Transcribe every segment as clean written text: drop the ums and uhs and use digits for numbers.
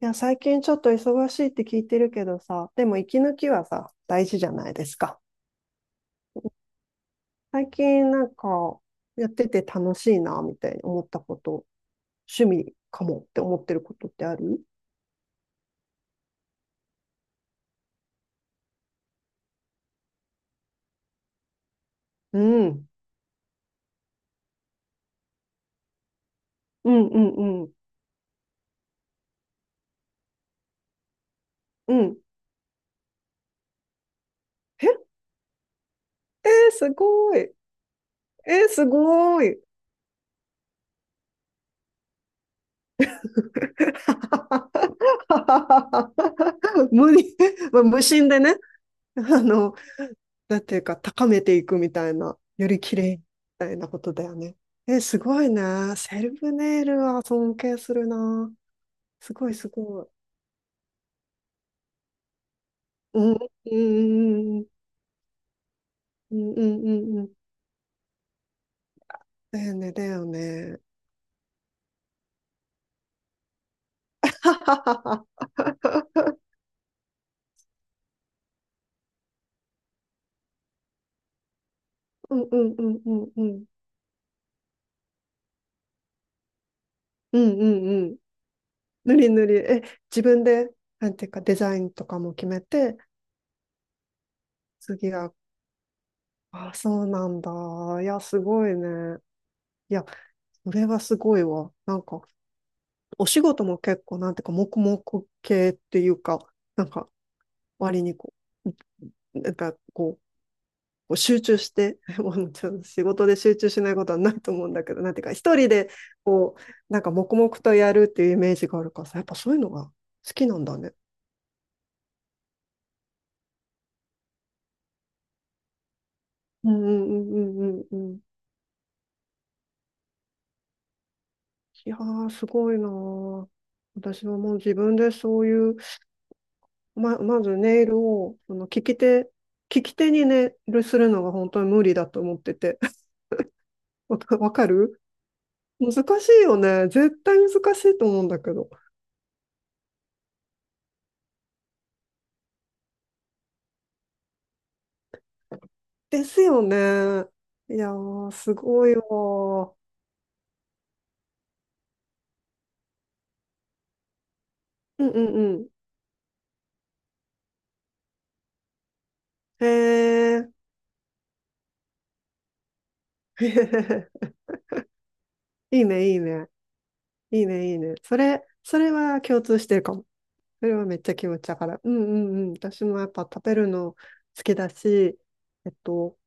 いや、最近ちょっと忙しいって聞いてるけどさ、でも息抜きはさ、大事じゃないですか。最近なんか、やってて楽しいな、みたいに思ったこと、趣味かもって思ってることってある？うん。うんうんうん。うん。え、えーすごい。えーすごい。無理、まあ、無心でね、あの、なんていうか、高めていくみたいな、より綺麗みたいなことだよね。え、すごいね。セルフネイルは尊敬するな。すごいすごい。うん、うん、うん、うん、うん、うんうん。だよね、だよね。はははは。うん、うん、うん、うん、うん。うん、うん、うん。ぬりぬり。え、自分で、なんていうか、デザインとかも決めて、次が、あ、そうなんだ。いや、すごいね。いや、それはすごいわ。なんか、お仕事も結構、なんていうか、黙々系っていうか、なんか、割にこう、なんか、こう集中して、もうちょっと仕事で集中しないことはないと思うんだけど、なんていうか、一人で、こう、なんか、黙々とやるっていうイメージがあるからさ、やっぱそういうのが好きなんだね。うんうんうんうんうんうん。いやー、すごいなー。私はもう自分でそういう、まずネイルを、利き手にネイルするのが本当に無理だと思ってて。わかる。難しいよね。絶対難しいと思うんだけど。ですよね。いやー、すごいわー。うんうんうん。へえ。いいね、いいね。いいね、いいね。それは共通してるかも。それはめっちゃ気持ちだから。うんうんうん。私もやっぱ食べるの好きだし、えっと、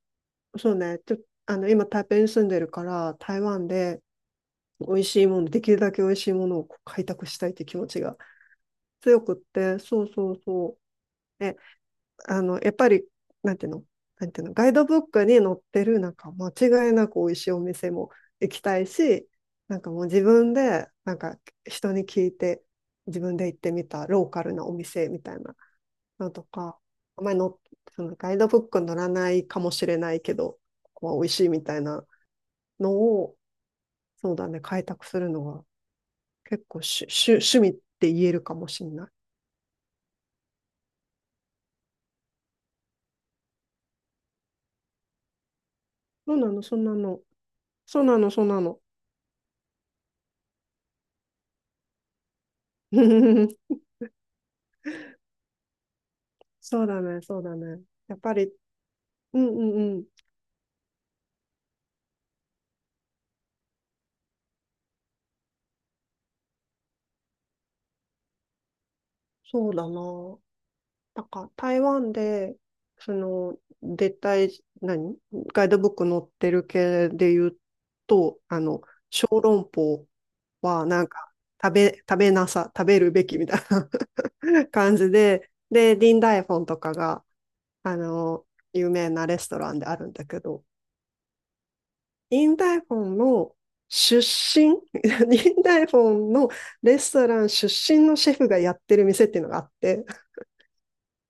そうね。ちょ、あの、今台北に住んでるから、台湾で美味しいもの、できるだけ美味しいものをこう開拓したいって気持ちが強くって、そうそうそう。え、やっぱり、なんていうの、なんていうの、ガイドブックに載ってる、なんか間違いなく美味しいお店も行きたいし、なんかもう自分で、なんか人に聞いて、自分で行ってみたローカルなお店みたいなのとか、あんまりの、そのガイドブックに載らないかもしれないけど、ここは美味しいみたいなのを、そうだね、開拓するのが結構趣味って言えるかもしれない。そうなの、そんなの。そうなの、そうなの。そうだね、そうだね。やっぱり、うんうんうん、そうだな。なんか台湾で、その、絶対、何ガイドブック載ってる系で言うと、小籠包はなんか、食べるべきみたいな 感じで、で、ディンダイフォンとかが、あの、有名なレストランであるんだけど、インダイフォンの出身、インダイフォンのレストラン出身のシェフがやってる店っていうのがあって、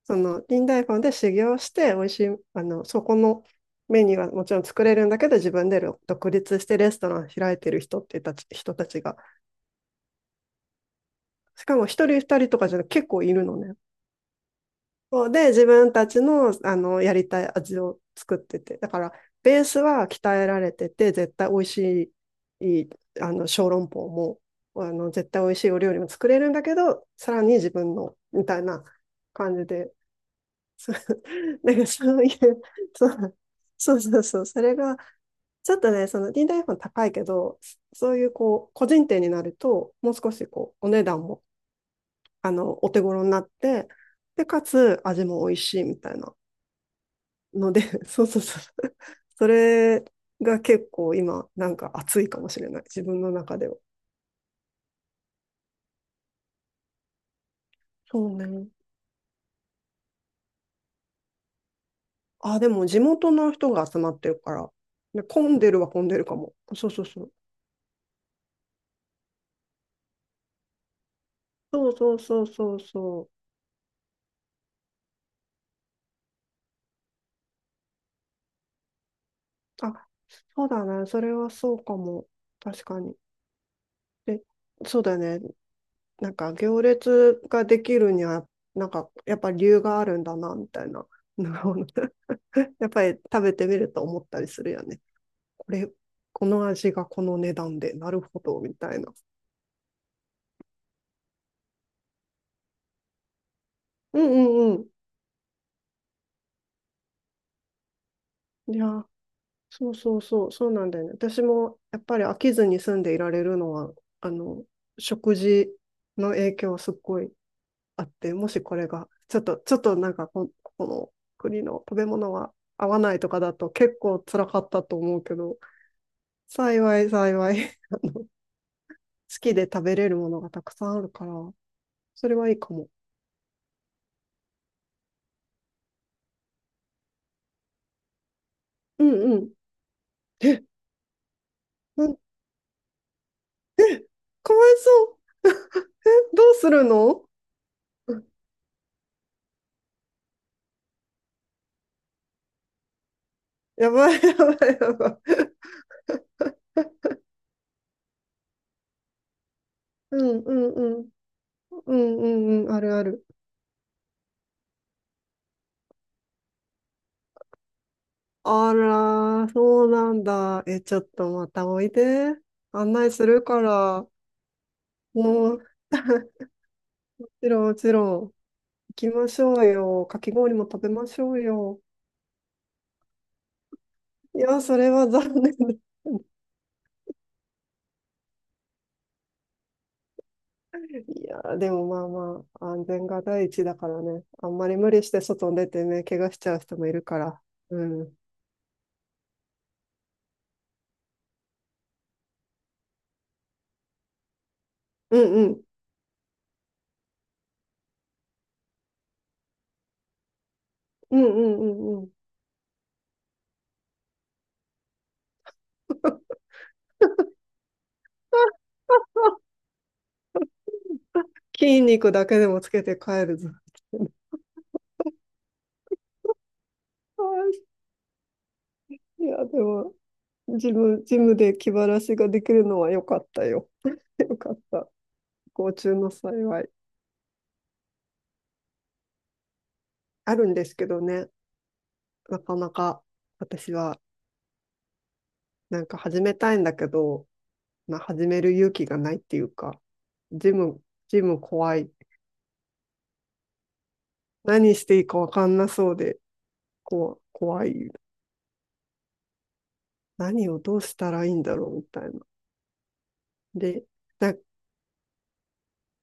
そのインダイフォンで修行して、美味しい、そこのメニューはもちろん作れるんだけど、自分で独立してレストラン開いてる人たちが、しかも一人二人とかじゃなくて結構いるのね。そうで、自分たちの、やりたい味を作ってて、だからベースは鍛えられてて、絶対美味しい、いい小籠包も絶対美味しいお料理も作れるんだけど、さらに自分のみたいな感じで、なんかそういう、そうそうそうそう、それがちょっとね、その D 台本高いけど、そういうこう個人店になると、もう少しこうお値段もお手頃になって、で、かつ味も美味しいみたいな。ので、そうそうそう。それが結構今、なんか熱いかもしれない。自分の中では。そうね。あ、でも地元の人が集まってるから。で混んでるは混んでるかも。そうそうそう。そうそうそうそうそう。あ、そうだね。それはそうかも。確かに。で、そうだね。なんか行列ができるには、なんかやっぱ理由があるんだな、みたいなのが。やっぱり食べてみると思ったりするよね。これ、この味がこの値段で、なるほど、みたいな。うんうんうん。いや、そうそうそう、そうなんだよね。私もやっぱり飽きずに住んでいられるのは、あの、食事の影響はすっごいあって、もしこれが、ちょっとなんかこの国の食べ物は合わないとかだと結構辛かったと思うけど、幸い幸い、好きで食べれるものがたくさんあるから、それはいいかも。うんうん。え、なん、え、かわいそう。どうするの？ やばいやばいやばい。うんうんうん。うんうんうん。あるある。あら、そうなんだ。え、ちょっとまたおいで。案内するから。もちろんもちろん。行きましょうよ。かき氷も食べましょうよ。いや、それは残念だ。いや、でもまあまあ、安全が第一だからね。あんまり無理して外に出てね、怪我しちゃう人もいるから。うん。うんうん。うんうんうんうん。筋肉だけでもつけて帰るぞ。あーいや、でも、ジムで気晴らしができるのは良かったよ。良かった。不幸中の幸い。あるんですけどね、なかなか私はなんか始めたいんだけど、まあ、始める勇気がないっていうか、ジム、ジム怖い。何していいかわかんなそうで、こう、怖い。何をどうしたらいいんだろうみたいな。で、なん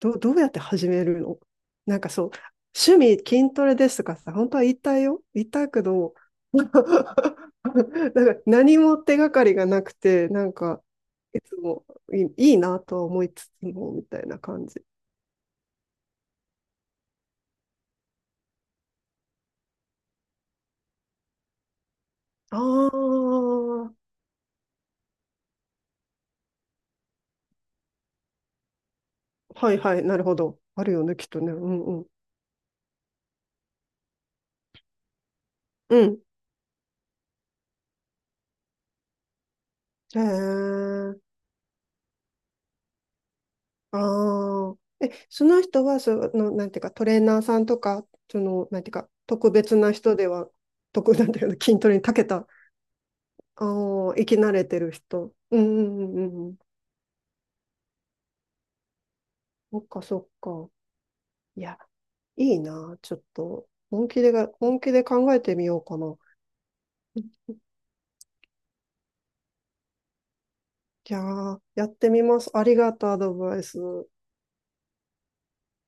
ど、どうやって始めるの？なんかそう、趣味筋トレですとかさ、本当は言いたいよ。言いたいけど、なんか何も手がかりがなくて、なんか、いつもいいなとは思いつつも、みたいな感じ。ああ、はいはい、なるほど。あるよね、きっとね。うんうん。うん。へえ。ああ。え、その人は、なんていうか、トレーナーさんとか、なんていうか、特別な人では、なんていうの、筋トレに長けた。ああ、生き慣れてる人。うんうんうんうん。そっかそっか。いや、いいな。ちょっと、本気で考えてみようかな。じゃあ、やってみます。ありがとう、アドバイス。